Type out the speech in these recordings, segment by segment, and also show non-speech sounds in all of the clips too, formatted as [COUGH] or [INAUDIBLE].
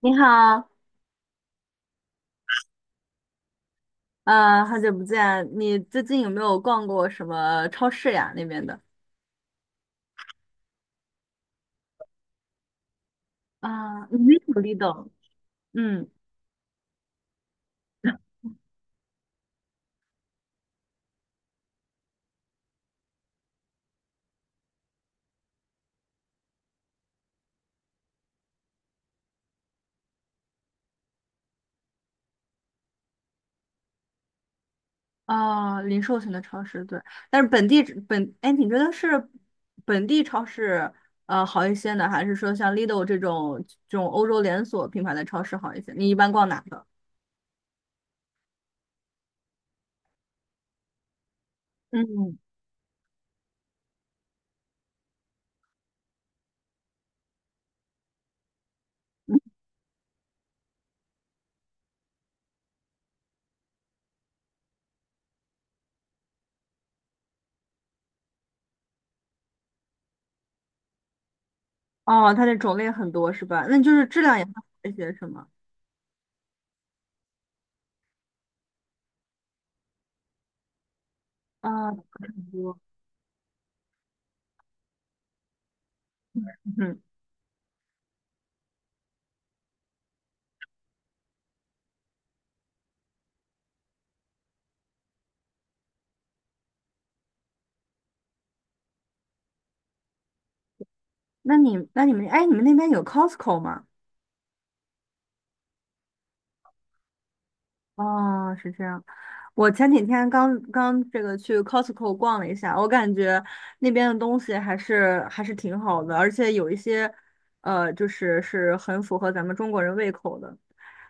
你好，好久不见，你最近有没有逛过什么超市呀？那边的。啊，你没有 Lidl。嗯。啊，零售型的超市，对。但是本地本，哎，你觉得是本地超市好一些呢，还是说像 Lidl 这种欧洲连锁品牌的超市好一些？你一般逛哪个？嗯。哦，它的种类很多是吧？那就是质量也会好一些是吗？啊，很多。嗯，那你们，哎，你们那边有 Costco 吗？哦，是这样。我前几天刚刚这个去 Costco 逛了一下，我感觉那边的东西还是挺好的，而且有一些，就是是很符合咱们中国人胃口的，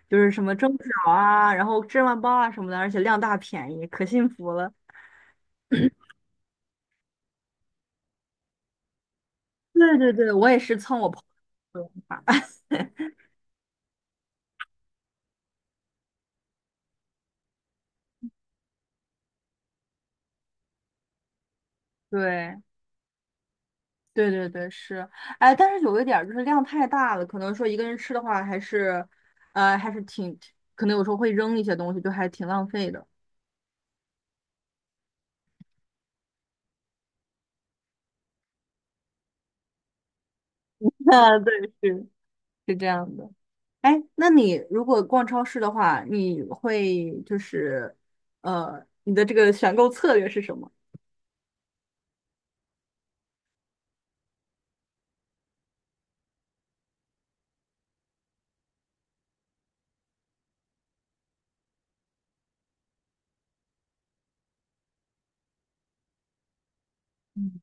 就是什么蒸饺啊，然后芝麻包啊什么的，而且量大便宜，可幸福了。对对对，我也是蹭我朋友的做法。 [LAUGHS] 对，对对对，是。哎，但是有一点儿就是量太大了，可能说一个人吃的话，还是，呃，还是挺，可能有时候会扔一些东西，就还挺浪费的。[LAUGHS] 啊，对，是是这样的。哎，那你如果逛超市的话，你会就是，你的这个选购策略是什么？嗯。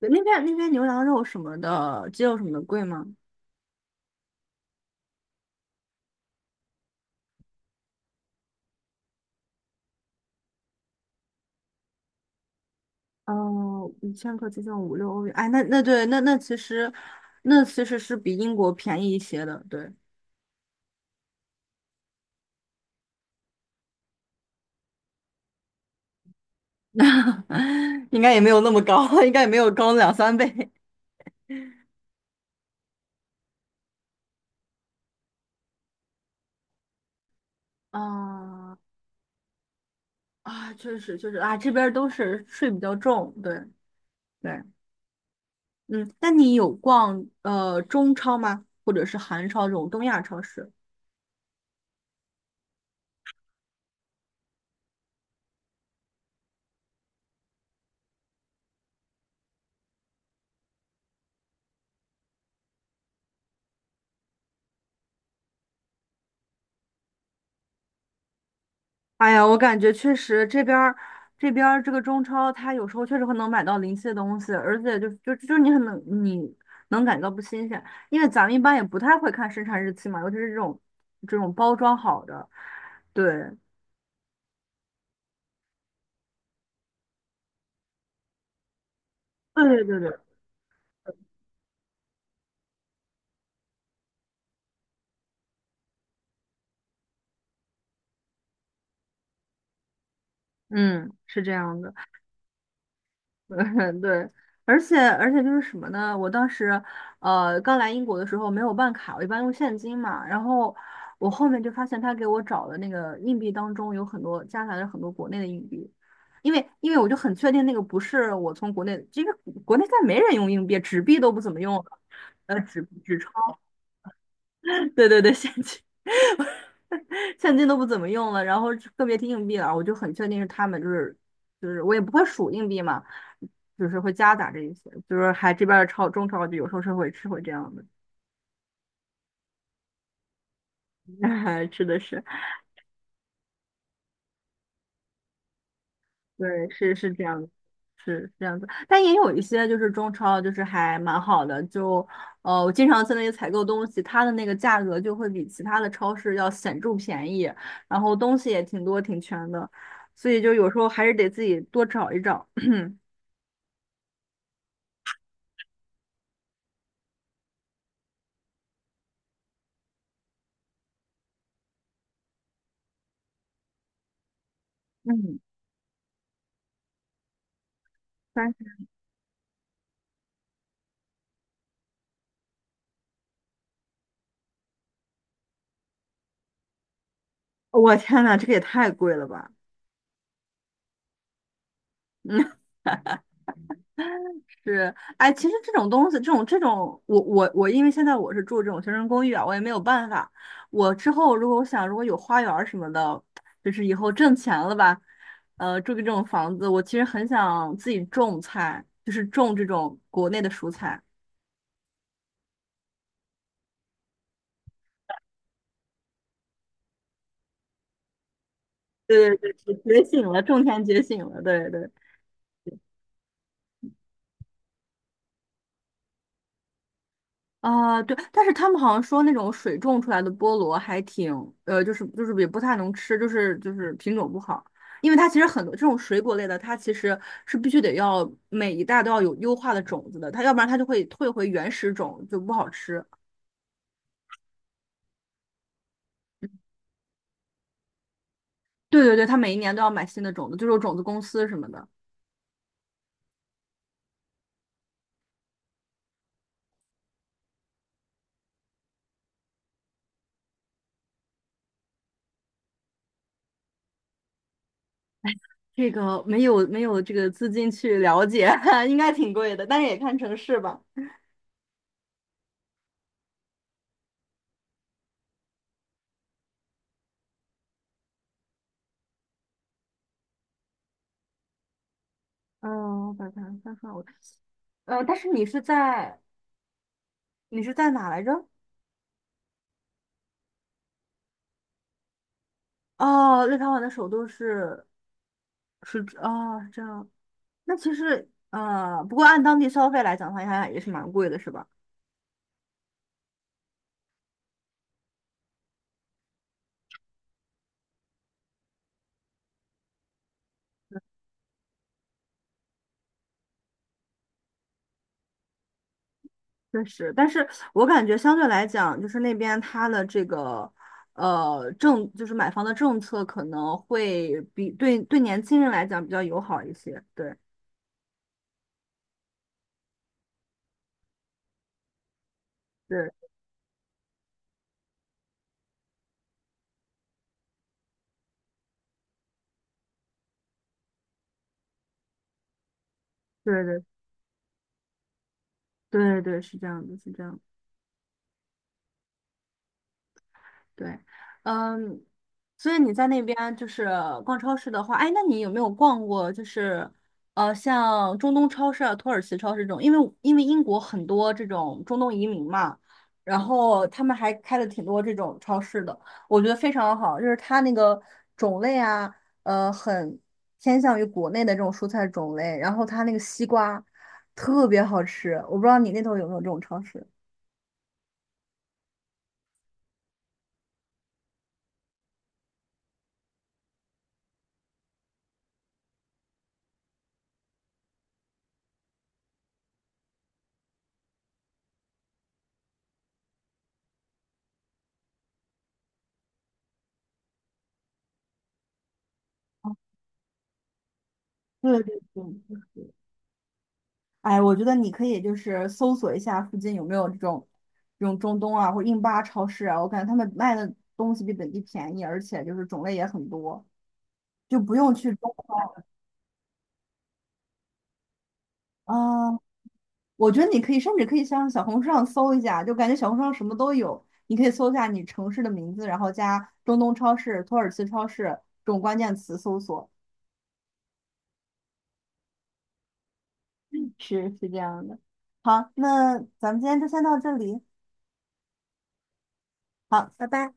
对，那边那边牛羊肉什么的，鸡肉什么的贵吗？哦，1千克接近五六欧元。哎，那对，那其实，那其实是比英国便宜一些的，对。[LAUGHS] 应该也没有那么高，应该也没有高两三倍。[LAUGHS] 啊啊，确实确实啊，这边儿都是税比较重，对对。嗯，那你有逛中超吗？或者是韩超这种东亚超市？哎呀，我感觉确实这边儿这个中超，它有时候确实会能买到临期的东西，而且就你很能你能感觉到不新鲜，因为咱们一般也不太会看生产日期嘛，尤其是这种包装好的，对对对对对。嗯，是这样的。[LAUGHS] 嗯对。而且就是什么呢？我当时，刚来英国的时候没有办卡，我一般用现金嘛。然后我后面就发现他给我找的那个硬币当中有很多夹杂着很多国内的硬币，因为我就很确定那个不是我从国内，这个国内再没人用硬币，纸币都不怎么用了，纸钞。[LAUGHS] 对对对，现金。[LAUGHS] 现金都不怎么用了，然后特别提硬币了，我就很确定是他们，就是我也不会数硬币嘛，就是会夹杂着一些，就是还这边儿超中超就有时候是会吃会这样的，[LAUGHS] 吃的是。对，是是这样子，是是这样子。但也有一些就是中超，就是还蛮好的，就我经常在那里采购东西，它的那个价格就会比其他的超市要显著便宜，然后东西也挺多挺全的，所以就有时候还是得自己多找一找。[LAUGHS] [CLEARS THROAT] 嗯，但是我天呐，这个也太贵了吧！[LAUGHS] 嗯。是，哎，其实这种东西，这种这种，我，因为现在我是住这种学生公寓啊，我也没有办法。我之后如果我想，如果有花园儿什么的，就是以后挣钱了吧，住个这种房子，我其实很想自己种菜，就是种这种国内的蔬菜。对对对，觉醒了，种田觉醒了，对对。啊，对，但是他们好像说那种水种出来的菠萝还挺，就是也不太能吃，就是品种不好，因为它其实很多这种水果类的，它其实是必须得要每一代都要有优化的种子的，它要不然它就会退回原始种，就不好吃。对对对，它每一年都要买新的种子，就是有种子公司什么的。这个没有这个资金去了解，[LAUGHS] 应该挺贵的，但是也看城市吧。嗯，我把它翻出来，我，但是你是在哪来着？哦，立陶宛的首都是，是哦，是这样。那其实不过按当地消费来讲的话，应该也是蛮贵的，是吧？确实，但是我感觉相对来讲，就是那边它的这个就是买房的政策可能会比对年轻人来讲比较友好一些。对对对对对对，是这样的，是这样的，对。嗯，所以你在那边就是逛超市的话，哎，那你有没有逛过就是像中东超市啊、土耳其超市这种？因为英国很多这种中东移民嘛，然后他们还开了挺多这种超市的，我觉得非常好，就是它那个种类啊，很偏向于国内的这种蔬菜种类，然后它那个西瓜特别好吃，我不知道你那头有没有这种超市。对对对，哎，我觉得你可以就是搜索一下附近有没有这种中东啊或者印巴超市啊，我感觉他们卖的东西比本地便宜，而且就是种类也很多，就不用去中超啊。我觉得你可以甚至可以上小红书上搜一下，就感觉小红书上什么都有。你可以搜一下你城市的名字，然后加中东超市、土耳其超市这种关键词搜索，是是这样的。好，那咱们今天就先到这里。好，拜拜。